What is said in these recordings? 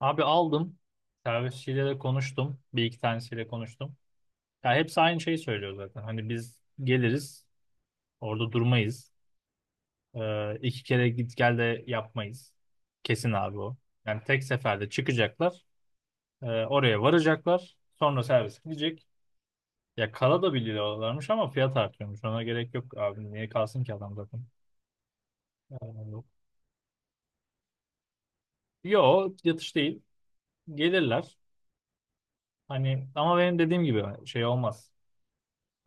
Abi aldım. Servisçiyle de konuştum. Bir iki tanesiyle konuştum. Ya hepsi aynı şeyi söylüyor zaten. Hani biz geliriz. Orada durmayız. İki kere git gel de yapmayız. Kesin abi o. Yani tek seferde çıkacaklar. Oraya varacaklar. Sonra servis gidecek. Ya kala da biliyorlarmış ama fiyat artıyormuş. Ona gerek yok abi. Niye kalsın ki adam zaten? Ee, yo yatış değil. Gelirler. Hani ama benim dediğim gibi şey olmaz.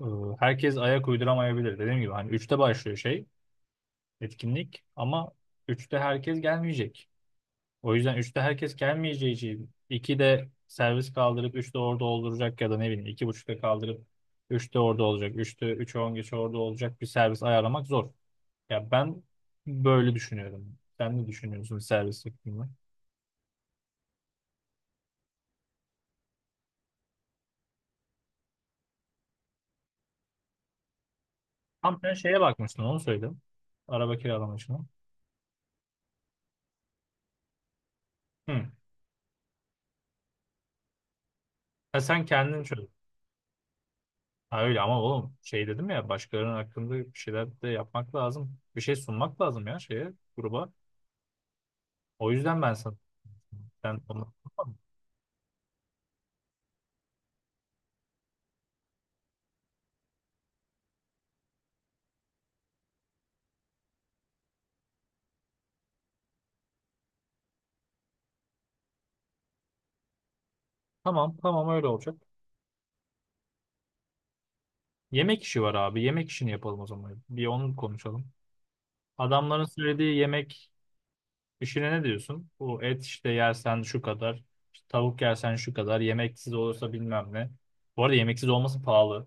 Ee, Herkes ayak uyduramayabilir. Dediğim gibi hani üçte başlıyor şey etkinlik ama üçte herkes gelmeyecek. O yüzden üçte herkes gelmeyeceği için 2'de servis kaldırıp üçte orada olduracak ya da ne bileyim iki buçukta kaldırıp üçte orada olacak. Üçte 3'e 10 geç orada olacak bir servis ayarlamak zor. Ya ben böyle düşünüyorum. Sen ne düşünüyorsun servis hakkında? Tam sen şeye bakmıştın onu söyledim. Araba kiralama işine. Hı. Ha, sen kendin çöz. Ha öyle ama oğlum şey dedim ya başkalarının hakkında bir şeyler de yapmak lazım. Bir şey sunmak lazım ya şeye gruba. O yüzden ben sana sen onu tamam, tamam, tamam, öyle olacak. Yemek işi var abi. Yemek işini yapalım o zaman. Bir onu konuşalım. Adamların söylediği yemek işine ne diyorsun? Bu et işte yersen şu kadar, işte tavuk yersen şu kadar, yemeksiz olursa bilmem ne. Bu arada yemeksiz olması pahalı.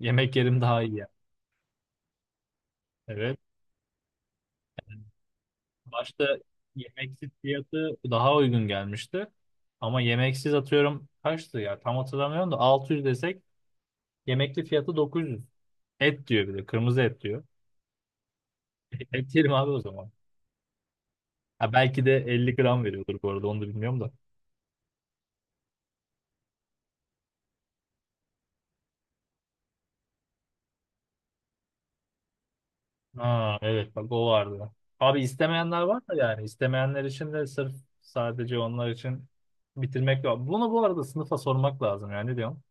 Yemek yerim daha iyi yani. Evet. Başta yemeksiz fiyatı daha uygun gelmişti. Ama yemeksiz atıyorum kaçtı ya tam hatırlamıyorum da 600 desek yemekli fiyatı 900. Et diyor bir de kırmızı et diyor. Et yerim abi o zaman. Ha, belki de 50 gram veriyordur bu arada onu da bilmiyorum da. Ha, evet bak o vardı. Abi istemeyenler var da yani istemeyenler için de sırf sadece onlar için bitirmek lazım. Bunu bu arada sınıfa sormak lazım yani ne diyorsun?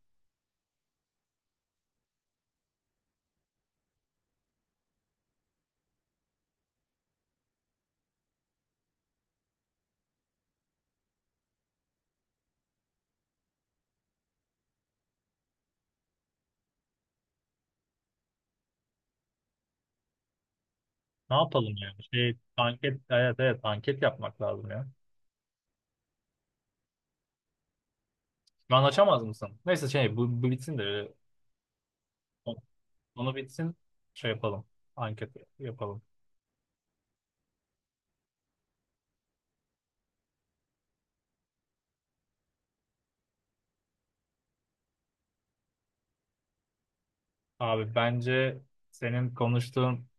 Ne yapalım yani? Şey, anket, evet, evet anket yapmak lazım ya. Şu an açamaz mısın? Neyse şey bu bitsin de onu bitsin şey yapalım. Anket yapalım. Abi bence senin konuştuğun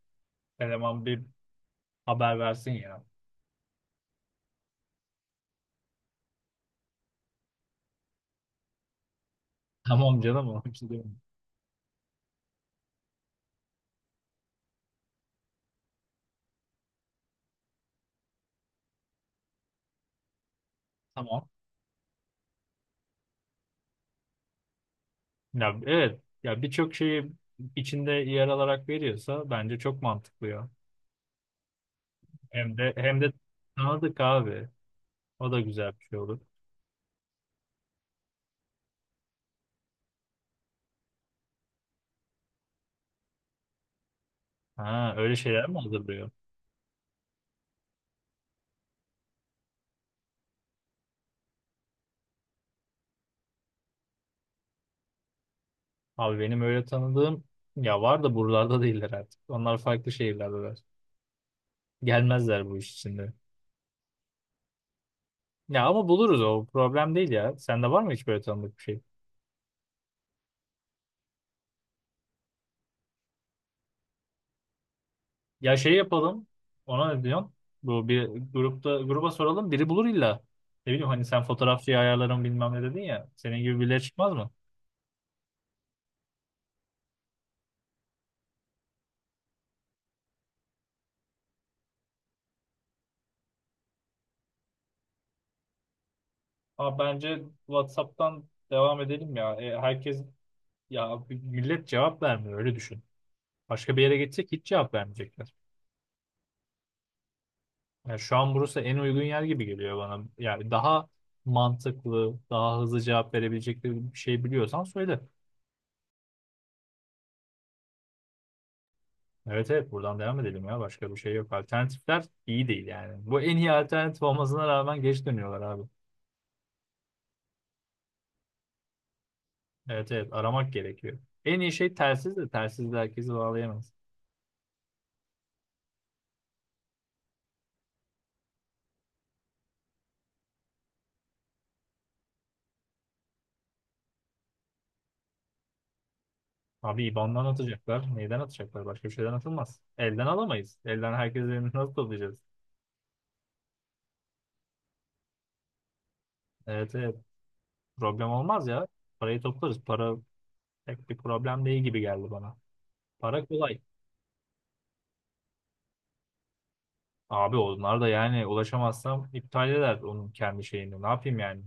eleman bir haber versin ya. Tamam canım onun için diyorum. Tamam. Ya evet ya birçok şeyi içinde yer alarak veriyorsa bence çok mantıklı ya. Hem de hem de tanıdık abi. O da güzel bir şey olur. Ha öyle şeyler mi hazırlıyor? Abi benim öyle tanıdığım ya var da buralarda değiller artık. Onlar farklı şehirlerdeler. Gelmezler bu iş içinde. Ya ama buluruz o problem değil ya. Sende var mı hiç böyle tanıdık bir şey? Ya şey yapalım. Ona ne diyorsun? Bu bir grupta gruba soralım. Biri bulur illa. Ne bileyim hani sen fotoğrafçıyı ayarlarım bilmem ne dedin ya. Senin gibi birileri çıkmaz mı? Ama bence WhatsApp'tan devam edelim ya. Herkes ya millet cevap vermiyor öyle düşün. Başka bir yere geçsek hiç cevap vermeyecekler. Yani şu an burası en uygun yer gibi geliyor bana. Yani daha mantıklı, daha hızlı cevap verebilecekleri bir şey biliyorsan söyle. Evet, evet buradan devam edelim ya. Başka bir şey yok. Alternatifler iyi değil yani. Bu en iyi alternatif olmasına rağmen geç dönüyorlar abi. Evet, evet aramak gerekiyor. En iyi şey telsiz de telsiz de herkesi bağlayamaz. Abi IBAN'dan atacaklar. Neyden atacaklar? Başka bir şeyden atılmaz. Elden alamayız. Elden herkesin elini nasıl toplayacağız? Evet, evet problem olmaz ya. Parayı toplarız. Para pek bir problem değil gibi geldi bana. Para kolay. Abi onlar da yani ulaşamazsam iptal eder onun kendi şeyini. Ne yapayım yani?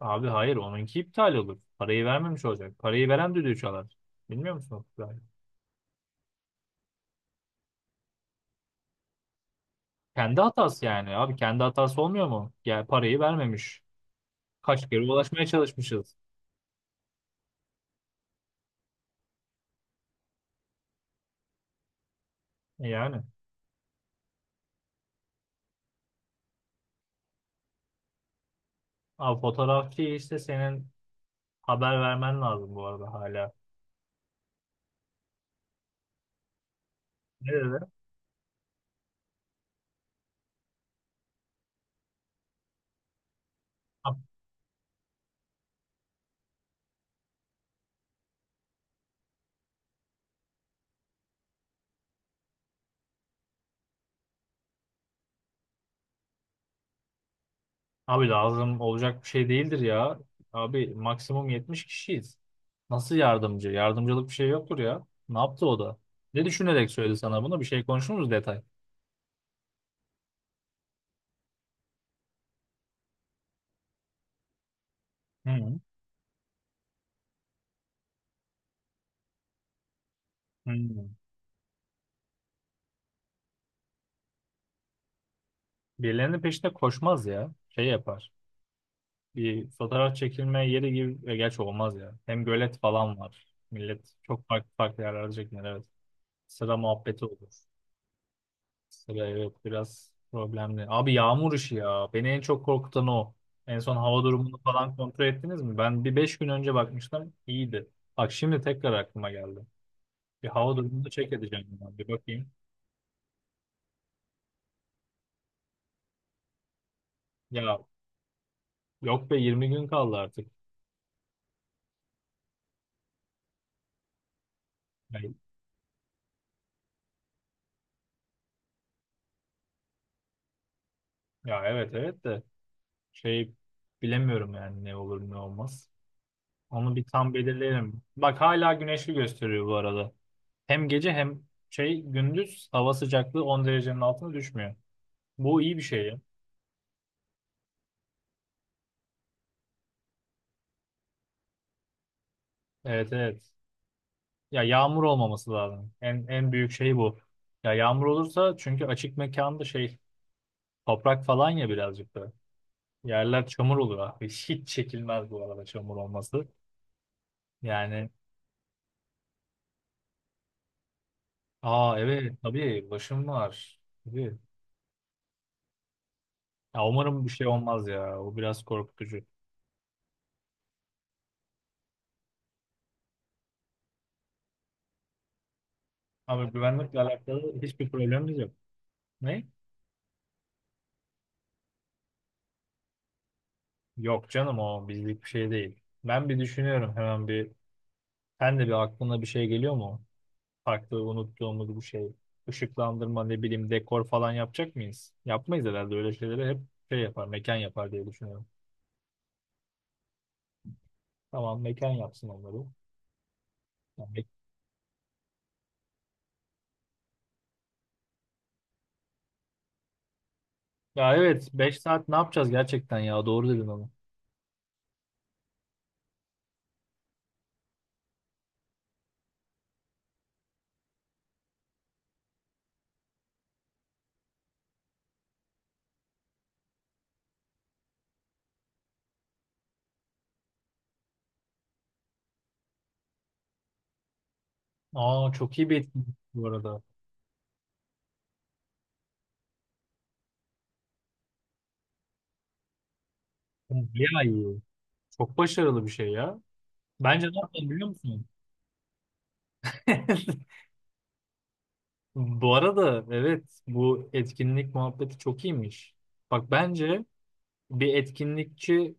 Abi hayır onunki iptal olur. Parayı vermemiş olacak. Parayı veren düdüğü çalar. Bilmiyor musun o kuralı? Kendi hatası yani. Abi kendi hatası olmuyor mu? Yani parayı vermemiş. Kaç kere ulaşmaya çalışmışız. Yani. Abi fotoğrafçı işte senin haber vermen lazım bu arada hala. Ne dedi? Ab- Abi lazım olacak bir şey değildir ya. Abi maksimum 70 kişiyiz. Nasıl yardımcı? Yardımcılık bir şey yoktur ya. Ne yaptı o da? Ne düşünerek söyledi sana bunu? Bir şey konuşur muyuz detay? Hı hı. Hı. Birilerinin peşinde koşmaz ya. Şey yapar. Bir fotoğraf çekilme yeri gibi gerçi olmaz ya. Hem gölet falan var. Millet çok farklı farklı yerlerde çekinir evet. Sıra muhabbeti olur. Sıra evet biraz problemli. Abi yağmur işi ya. Beni en çok korkutan o. En son hava durumunu falan kontrol ettiniz mi? Ben bir 5 gün önce bakmıştım. İyiydi. Bak şimdi tekrar aklıma geldi. Bir hava durumunu check edeceğim ben. Bir bakayım. Ya yok be 20 gün kaldı artık. Ya, ya evet, evet de. Şey bilemiyorum yani ne olur ne olmaz. Onu bir tam belirleyelim. Bak hala güneşli gösteriyor bu arada. Hem gece hem şey gündüz hava sıcaklığı 10 derecenin altına düşmüyor. Bu iyi bir şey ya. Evet, evet. Ya yağmur olmaması lazım. En büyük şey bu. Ya yağmur olursa çünkü açık mekanda şey toprak falan ya birazcık da. Yerler çamur olur abi. Hiç çekilmez bu arada çamur olması. Yani aa evet tabii başım var. Tabii. Ya umarım bir şey olmaz ya. O biraz korkutucu. Ama güvenlikle alakalı hiçbir problemimiz yok. Ne? Yok canım o bizlik bir şey değil. Ben bir düşünüyorum hemen bir. Sen de bir aklına bir şey geliyor mu? Farklı unuttuğumuz bu şey. Işıklandırma ne bileyim dekor falan yapacak mıyız? Yapmayız herhalde öyle şeyleri hep şey yapar mekan yapar diye düşünüyorum. Tamam mekan yapsın onları. Ya, ya evet 5 saat ne yapacağız gerçekten ya doğru dedin onu. Aa çok iyi bir etkinlik bu arada. Bayağı iyi. Çok başarılı bir şey ya. Bence ne yapalım biliyor musun? Bu arada evet bu etkinlik muhabbeti çok iyiymiş. Bak bence bir etkinlikçi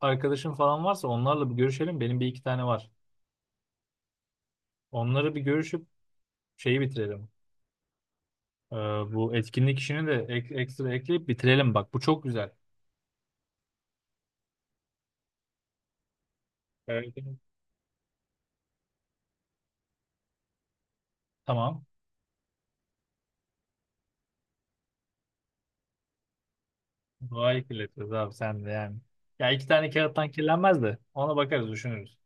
arkadaşın falan varsa onlarla bir görüşelim. Benim bir iki tane var. Onları bir görüşüp şeyi bitirelim. Ee, bu etkinlik işini de ekstra ekleyip bitirelim bak. Bu çok güzel. Evet. Tamam. Doğayı kirletiyoruz abi sen de yani. Ya iki tane kağıttan kirlenmez de ona bakarız düşünürüz.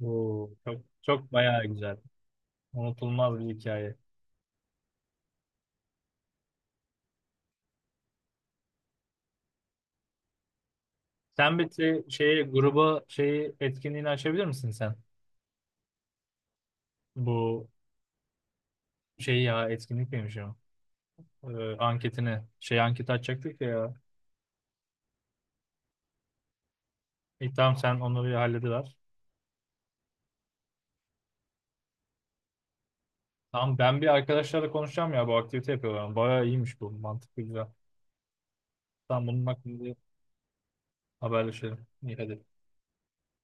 Oo, çok, çok bayağı güzel. Unutulmaz bir hikaye. Sen bir şey, şeye, gruba şeyi etkinliğini açabilir misin sen? Bu şeyi ya etkinlik miymiş o? Anketini. Şey anket açacaktık ya. İyi, tamam sen onları bir hallediver. Tamam ben bir arkadaşlarla konuşacağım ya bu aktivite yapıyorlar. Bayağı iyiymiş bu. Mantıklı güzel. Tamam bunun hakkında haberleşelim. İyi hadi.